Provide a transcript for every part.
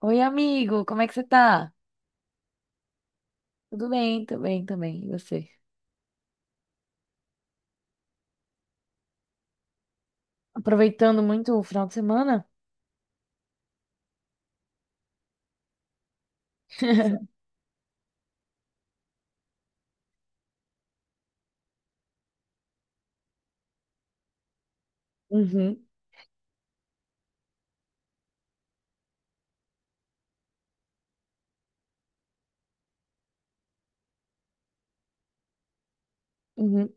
Oi, amigo, como é que você tá? Tudo bem também. E você? Aproveitando muito o final de semana? Uhum, uhum.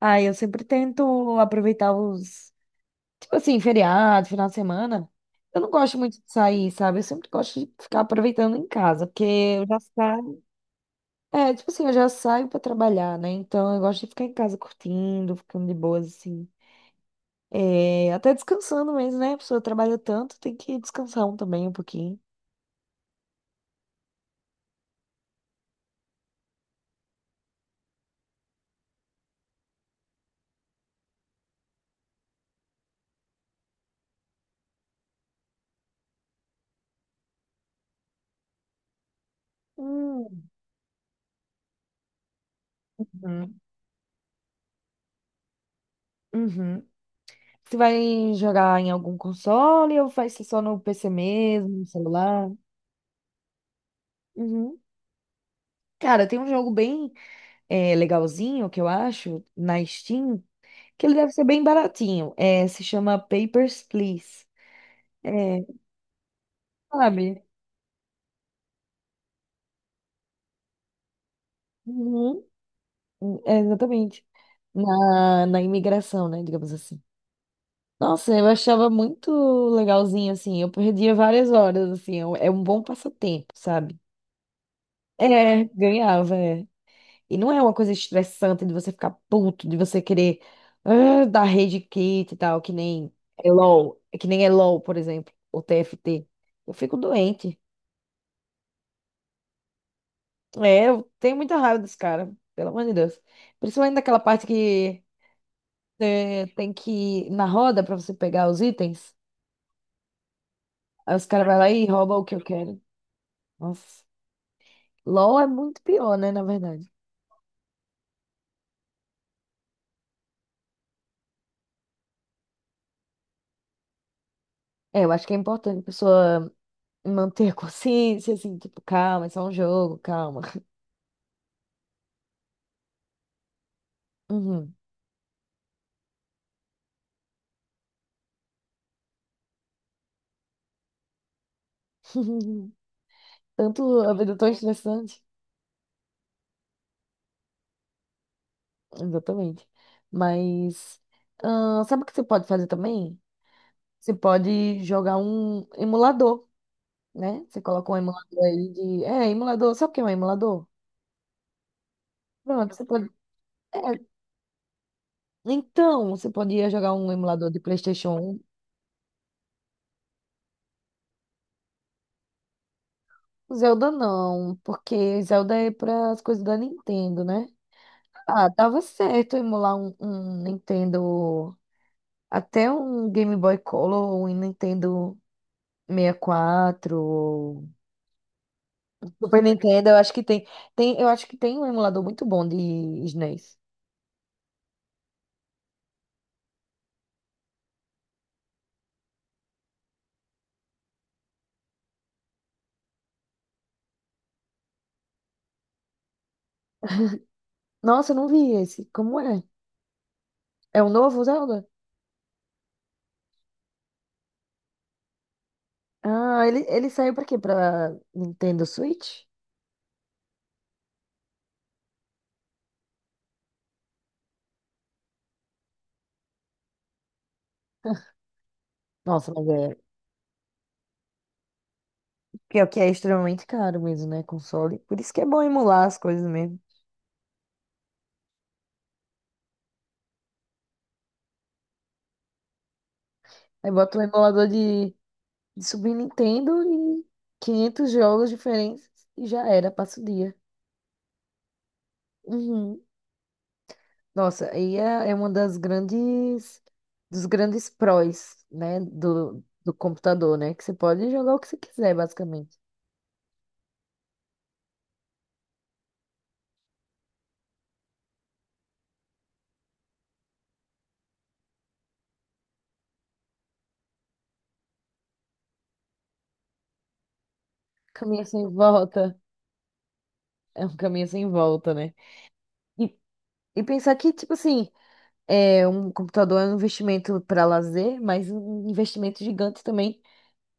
Eu sempre tento aproveitar os, tipo assim, feriado, final de semana. Eu não gosto muito de sair, sabe? Eu sempre gosto de ficar aproveitando em casa, porque eu já saio. É, tipo assim, eu já saio pra trabalhar, né? Então eu gosto de ficar em casa curtindo, ficando de boas, assim. É, até descansando mesmo, né? A pessoa trabalha tanto, tem que descansar um também um pouquinho. Uhum. Uhum. Você vai jogar em algum console ou vai ser só no PC mesmo, no celular? Uhum. Cara, tem um jogo bem legalzinho que eu acho na Steam, que ele deve ser bem baratinho. É, se chama Papers, Please. É, sabe? Uhum. É, exatamente. Na imigração, né? Digamos assim. Nossa, eu achava muito legalzinho, assim. Eu perdia várias horas, assim. É um bom passatempo, sabe? É, ganhava, é. E não é uma coisa estressante de você ficar puto, de você querer dar rage quit e tal, que nem é LOL, por exemplo, ou TFT. Eu fico doente. É, eu tenho muita raiva desse cara, pelo amor de Deus. Principalmente daquela parte que tem que ir na roda pra você pegar os itens. Aí os caras vão lá e roubam o que eu quero. Nossa. LOL é muito pior, né, na verdade. É, eu acho que é importante a pessoa manter a consciência, assim, tipo, calma, é só um jogo, calma. Uhum. Tanto a vida é tão estressante. Exatamente. Mas sabe o que você pode fazer também? Você pode jogar um emulador, né? Você coloca um emulador aí de. É, emulador. Sabe o que é um emulador? Pronto, você pode. É, então, você podia jogar um emulador de PlayStation 1. Zelda não, porque Zelda é para as coisas da Nintendo, né? Ah, tava certo emular um Nintendo. Até um Game Boy Color, um Nintendo. 64, ou Super Nintendo, eu acho que tem, tem, eu acho que tem um emulador muito bom de SNES. Nossa, eu não vi esse. Como é? É um novo Zelda? Ah, ele saiu pra quê? Pra Nintendo Switch? Nossa, mas é. Pior que é extremamente caro mesmo, né? Console. Por isso que é bom emular as coisas mesmo. Aí bota um emulador de Super Nintendo e 500 jogos diferentes e já era, passa o dia. Uhum. Nossa, aí é, é uma das grandes, dos grandes prós, né, do, do computador, né, que você pode jogar o que você quiser, basicamente. Caminho sem volta, é um caminho sem volta, né? E, e pensar que, tipo assim, é, um computador é um investimento para lazer, mas um investimento gigante também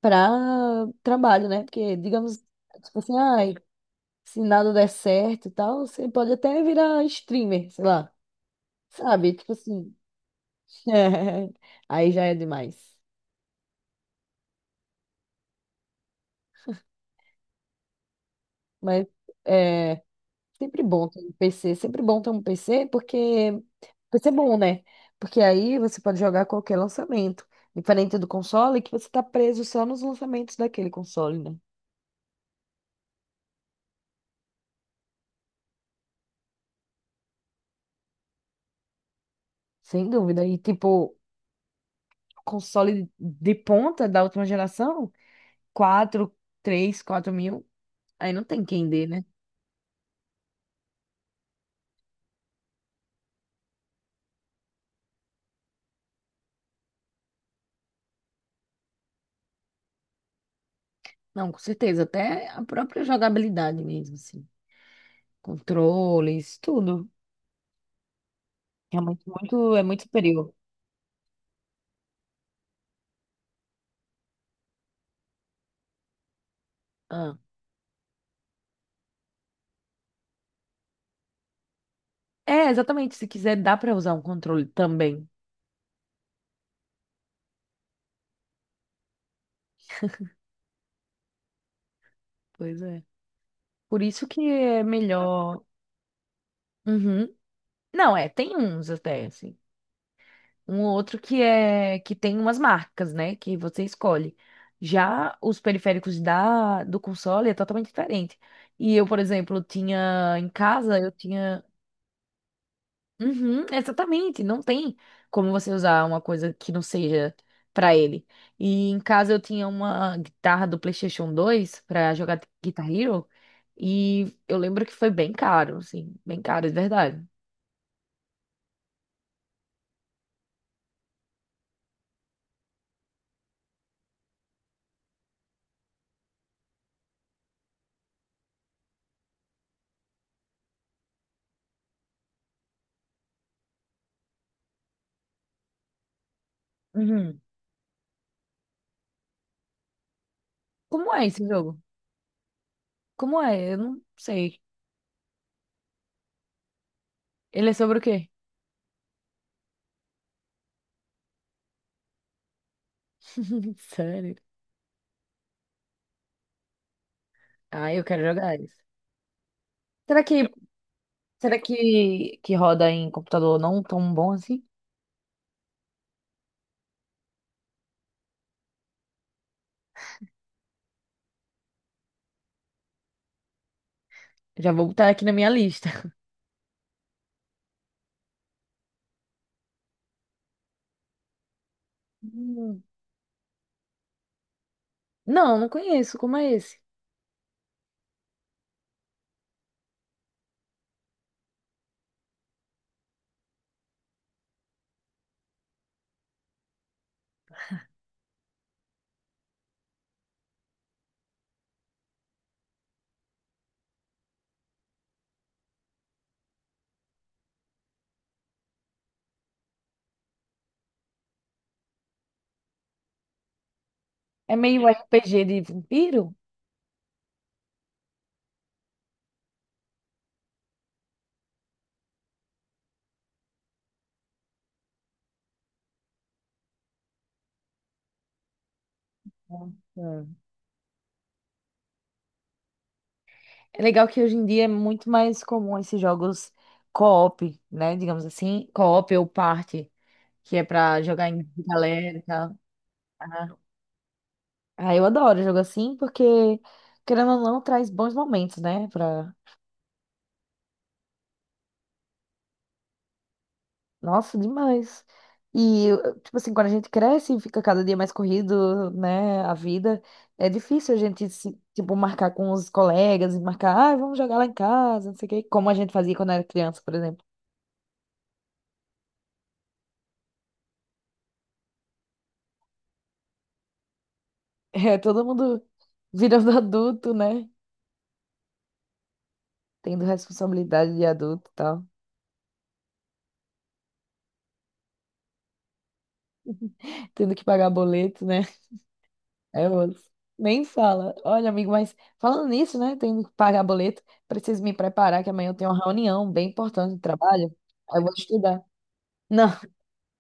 para trabalho, né? Porque, digamos, tipo assim, ai, se nada der certo e tal, você pode até virar streamer, sei lá, sabe? Tipo assim. É, aí já é demais. Mas é sempre bom ter um PC, sempre bom ter um PC, porque PC é bom, né? Porque aí você pode jogar qualquer lançamento. Diferente do console, que você tá preso só nos lançamentos daquele console, né? Sem dúvida. E tipo, console de ponta da última geração, 4 3 4 mil, aí não tem quem dê, né? Não, com certeza. Até a própria jogabilidade mesmo, assim. Controles, tudo. É muito, muito, é muito superior. Ah. É, exatamente. Se quiser, dá pra usar um controle também. Pois é. Por isso que é melhor. Uhum. Não, é, tem uns até, assim. Um ou outro que é que tem umas marcas, né? Que você escolhe. Já os periféricos da do console é totalmente diferente. E eu, por exemplo, tinha em casa, eu tinha. Uhum, exatamente, não tem como você usar uma coisa que não seja pra ele. E em casa eu tinha uma guitarra do PlayStation dois pra jogar Guitar Hero e eu lembro que foi bem caro, assim, bem caro de verdade. Uhum. Como é esse jogo? Como é? Eu não sei. Ele é sobre o quê? Sério? Ah, eu quero jogar isso. Será que será que que roda em computador não tão bom assim? Já vou botar aqui na minha lista. Hum. Não, não conheço. Como é É meio RPG de vampiro? Nossa. É legal que hoje em dia é muito mais comum esses jogos co-op, né? Digamos assim, co-op ou party, que é pra jogar em galera e tal. Ah, eu adoro jogo assim porque, querendo ou não, traz bons momentos, né? Nossa, demais. E, tipo assim, quando a gente cresce e fica cada dia mais corrido, né, a vida, é difícil a gente, se, tipo, marcar com os colegas e marcar, ah, vamos jogar lá em casa, não sei o quê, como a gente fazia quando era criança, por exemplo. É, todo mundo virando adulto, né, tendo responsabilidade de adulto e tal, tendo que pagar boleto, né, é outro. Nem fala. Olha, amigo, mas falando nisso, né, tendo que pagar boleto, preciso me preparar que amanhã eu tenho uma reunião bem importante de trabalho, aí eu vou estudar. Não.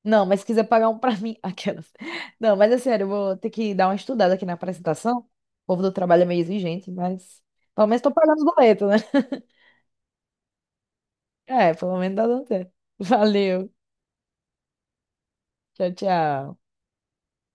Não, mas se quiser pagar um pra mim, aquelas. Não, mas é sério, eu vou ter que dar uma estudada aqui na apresentação. O povo do trabalho é meio exigente, mas pelo menos tô pagando os boletos, né? É, pelo menos tá dando certo. Valeu. Tchau, tchau.